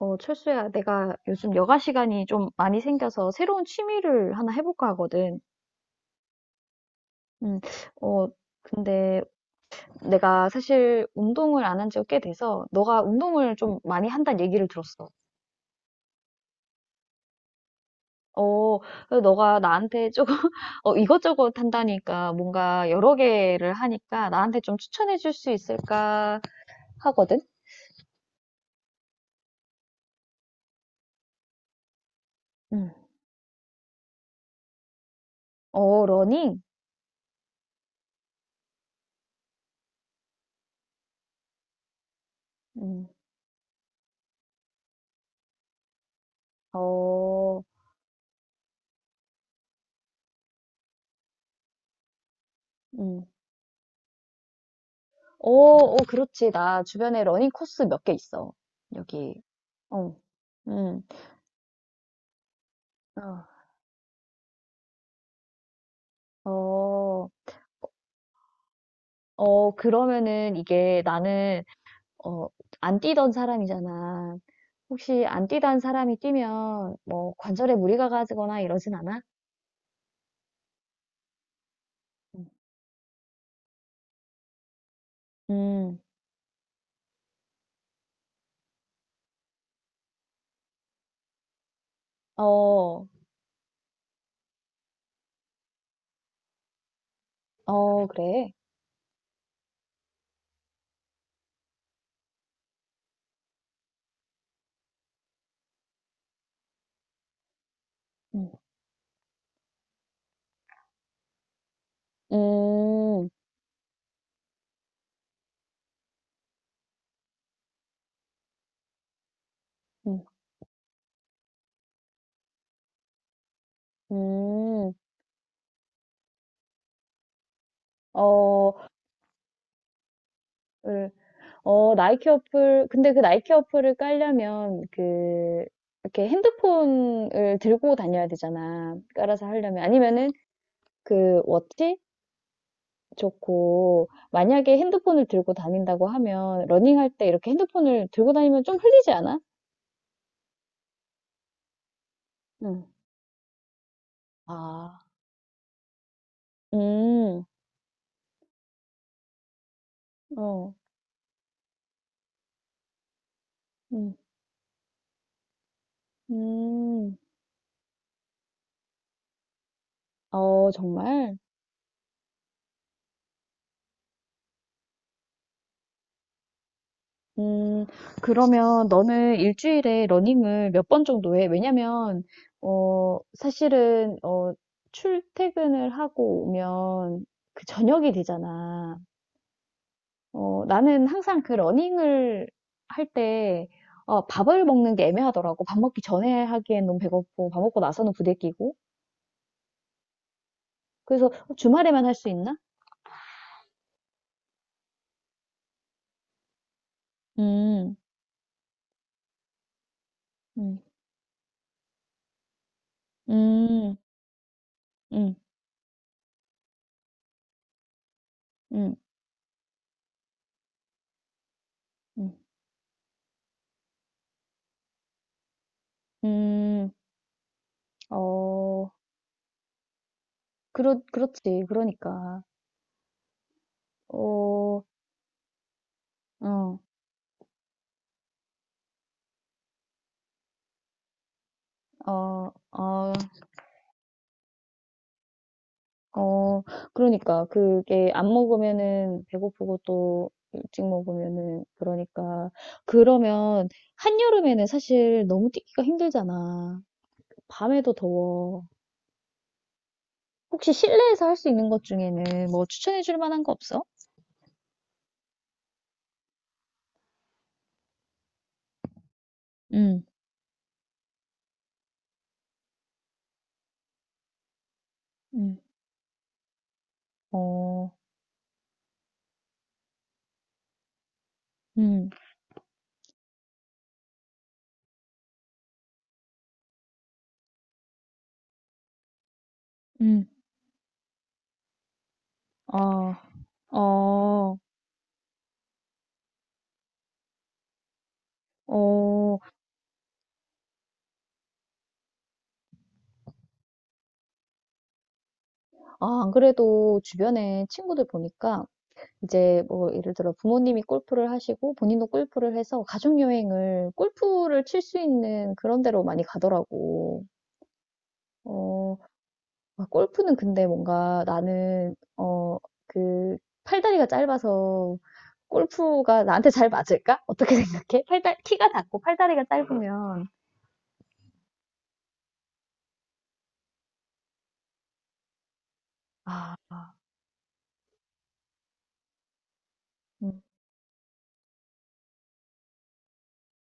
어, 철수야, 내가 요즘 여가 시간이 좀 많이 생겨서 새로운 취미를 하나 해볼까 하거든. 음, 어, 근데 내가 사실 운동을 안 한 지가 꽤 돼서 너가 운동을 좀 많이 한다는 얘기를 들었어. 어, 그래서 너가 나한테 조금 어, 이것저것 한다니까 뭔가 여러 개를 하니까 나한테 좀 추천해 줄 수 있을까 하거든. 음, 어, 러닝? 음, 어, 음. 어, 어, 그렇지. 나 주변에 러닝 코스 몇 개 있어. 여기. 어, 음. 어, 어, 어, 그러면은 이게 나는, 어, 안 뛰던 사람이잖아. 혹시 안 뛰던 사람이 뛰면 뭐 관절에 무리가 가거나 이러진 않아? 음, 어, 어, 그래. 음, 음, 음, 음, 어, 어, 나이키 어플, 근데 그 나이키 어플을 깔려면, 그, 이렇게 핸드폰을 들고 다녀야 되잖아. 깔아서 하려면. 아니면은, 그, 워치? 좋고, 만약에 핸드폰을 들고 다닌다고 하면, 러닝할 때 이렇게 핸드폰을 들고 다니면 좀 흘리지 않아? 응. 아, 음, 어, 음, 음, 어, 정말? 음, 그러면 너는 일주일에 러닝을 몇 번 정도 해? 왜냐면, 어, 사실은, 어, 출퇴근을 하고 오면 그 저녁이 되잖아. 어, 나는 항상 그 러닝을 할 때, 어, 밥을 먹는 게 애매하더라고. 밥 먹기 전에 하기엔 너무 배고프고, 밥 먹고 나서는 부대끼고. 그래서 어, 주말에만 할 수 있나? 음, 음, 음, 음, 음, 음, 음, 어, 그렇지. 그러니까. 어, 어, 어, 어, 어, 그러니까 그게 안 먹으면은 배고프고 또 일찍 먹으면은 그러니까 그러면 한여름에는 사실 너무 뛰기가 힘들잖아. 밤에도 더워. 혹시 실내에서 할 수 있는 것 중에는 뭐 추천해 줄 만한 거 없어? 응, 응, 어, 응, 응, 아, 어, 어, 아, 안 그래도 주변에 친구들 보니까 이제 뭐 예를 들어 부모님이 골프를 하시고 본인도 골프를 해서 가족 여행을 골프를 칠 수 있는 그런 데로 많이 가더라고. 어, 아, 골프는 근데 뭔가 나는 어, 그 팔다리가 짧아서 골프가 나한테 잘 맞을까? 어떻게 생각해? 팔다 키가 작고 팔다리가 짧으면 아, 음,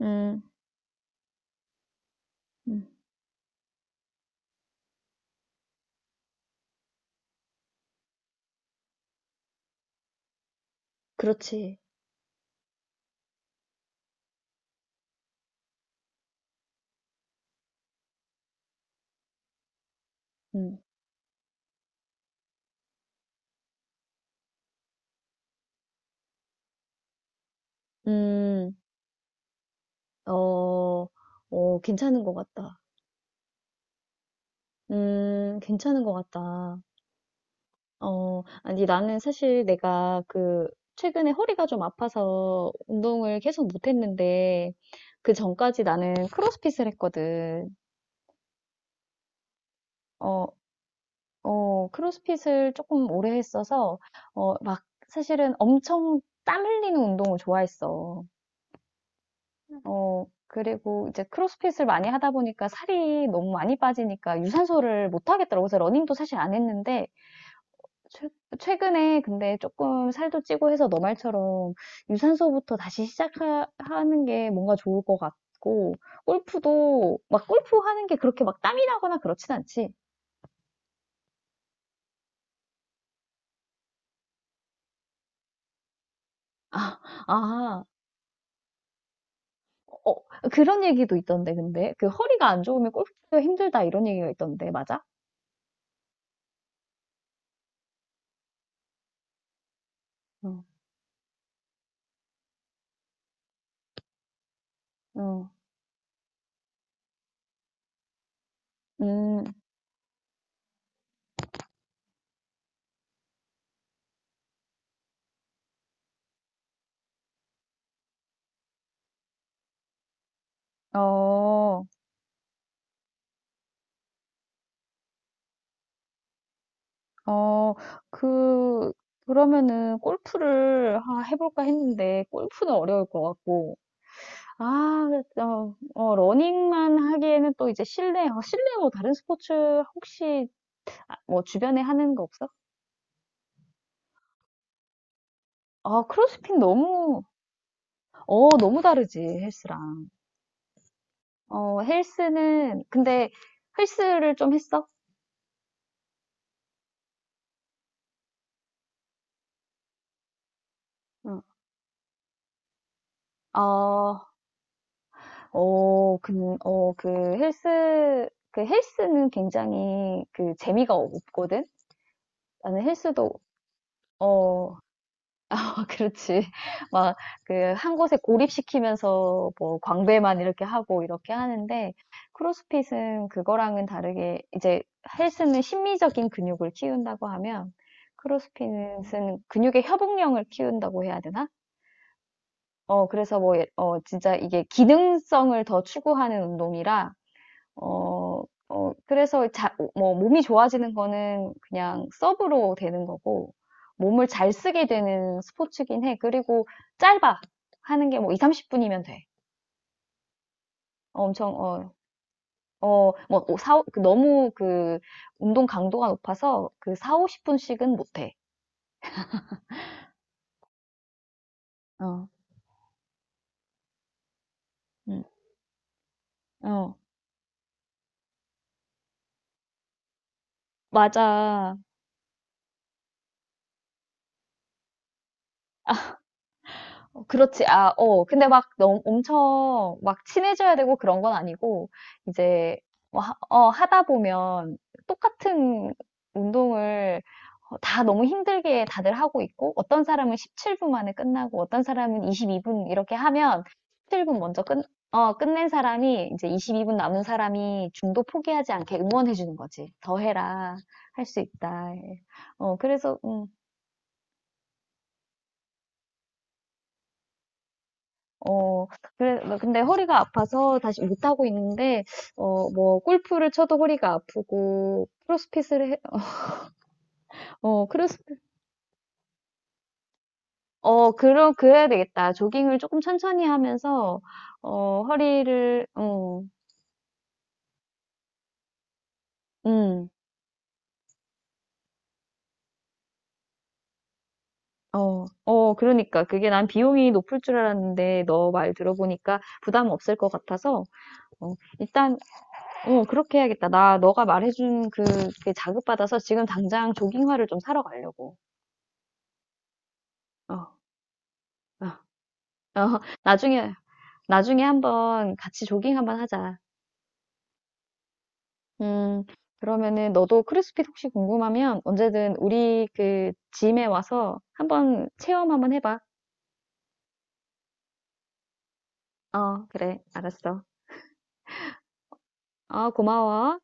음, 음, 그렇지. 음, 음, 어, 어, 괜찮은 것 같다. 괜찮은 것 같다. 어, 아니, 나는 사실 내가 그, 최근에 허리가 좀 아파서 운동을 계속 못했는데, 그 전까지 나는 크로스핏을 했거든. 어, 어, 크로스핏을 조금 오래 했어서, 어, 막, 사실은 엄청 땀 흘리는 운동을 좋아했어. 어, 그리고 이제 크로스핏을 많이 하다 보니까 살이 너무 많이 빠지니까 유산소를 못 하겠더라고. 그래서 러닝도 사실 안 했는데, 최- 최근에 근데 조금 살도 찌고 해서 너 말처럼 유산소부터 다시 시작하는 게 뭔가 좋을 것 같고, 골프도 막 골프 하는 게 그렇게 막 땀이 나거나 그렇진 않지. 아, 아, 어, 그런 얘기도 있던데, 근데. 그 허리가 안 좋으면 골프가 힘들다 이런 얘기가 있던데, 맞아? 어, 어, 음, 어, 어, 그, 그러면은 골프를 아, 해볼까 했는데, 골프는 어려울 것 같고, 아 그래서 어 러닝만 하기에는 또 이제 실내 뭐 다른 스포츠 혹시 아 뭐 주변에 하는 거 없어? 아 크로스핏 너무 다르지 헬스랑. 어 헬스는 근데 헬스를 좀 했어? 응. 어. 어 근 어 그 헬스 그 헬스는 굉장히 그 재미가 없거든. 나는 헬스도 어 그렇지. 막, 그, 한 곳에 고립시키면서, 뭐, 광배만 이렇게 하고, 이렇게 하는데, 크로스핏은 그거랑은 다르게, 이제, 헬스는 심미적인 근육을 키운다고 하면, 크로스핏은 근육의 협응력을 키운다고 해야 되나? 어, 그래서 뭐, 어, 진짜 이게 기능성을 더 추구하는 운동이라, 어, 어, 그래서 뭐, 몸이 좋아지는 거는 그냥 서브로 되는 거고, 몸을 잘 쓰게 되는 스포츠긴 해. 그리고 짧아. 하는 게 뭐 2, 30분이면 돼. 어, 엄청, 어, 어, 뭐, 오, 사, 그 너무 그, 운동 강도가 높아서 그 4, 50분씩은 못 해. 어, 음, 어, 맞아. 어, 그렇지. 아, 어. 근데 막 너무 엄청 막 친해져야 되고 그런 건 아니고, 이제, 뭐 하다 보면 똑같은 운동을 어, 다 너무 힘들게 다들 하고 있고, 어떤 사람은 17분 만에 끝나고, 어떤 사람은 22분 이렇게 하면 17분 먼저 끝낸 사람이 이제 22분 남은 사람이 중도 포기하지 않게 응원해주는 거지. 더 해라. 할 수 있다. 예. 어, 그래서, 어, 그래, 뭐 근데 허리가 아파서 다시 못하고 있는데, 어, 뭐, 골프를 쳐도 허리가 아프고, 크로스핏을 해, 어, 어, 그럼, 그래야 되겠다. 조깅을 조금 천천히 하면서, 어, 허리를, 어, 음, 어, 어, 그러니까. 그게 난 비용이 높을 줄 알았는데, 너 말 들어보니까 부담 없을 것 같아서, 어, 일단, 어, 그렇게 해야겠다. 나, 너가 말해준 그, 게 자극받아서 지금 당장 조깅화를 좀 사러 가려고. 어, 어. 어, 나중에 한번 같이 조깅 한번 하자. 음, 그러면은 너도 크로스핏 혹시 궁금하면 언제든 우리 그 짐에 와서 한번 체험 한번 해봐. 어, 그래, 알았어. 어, 고마워.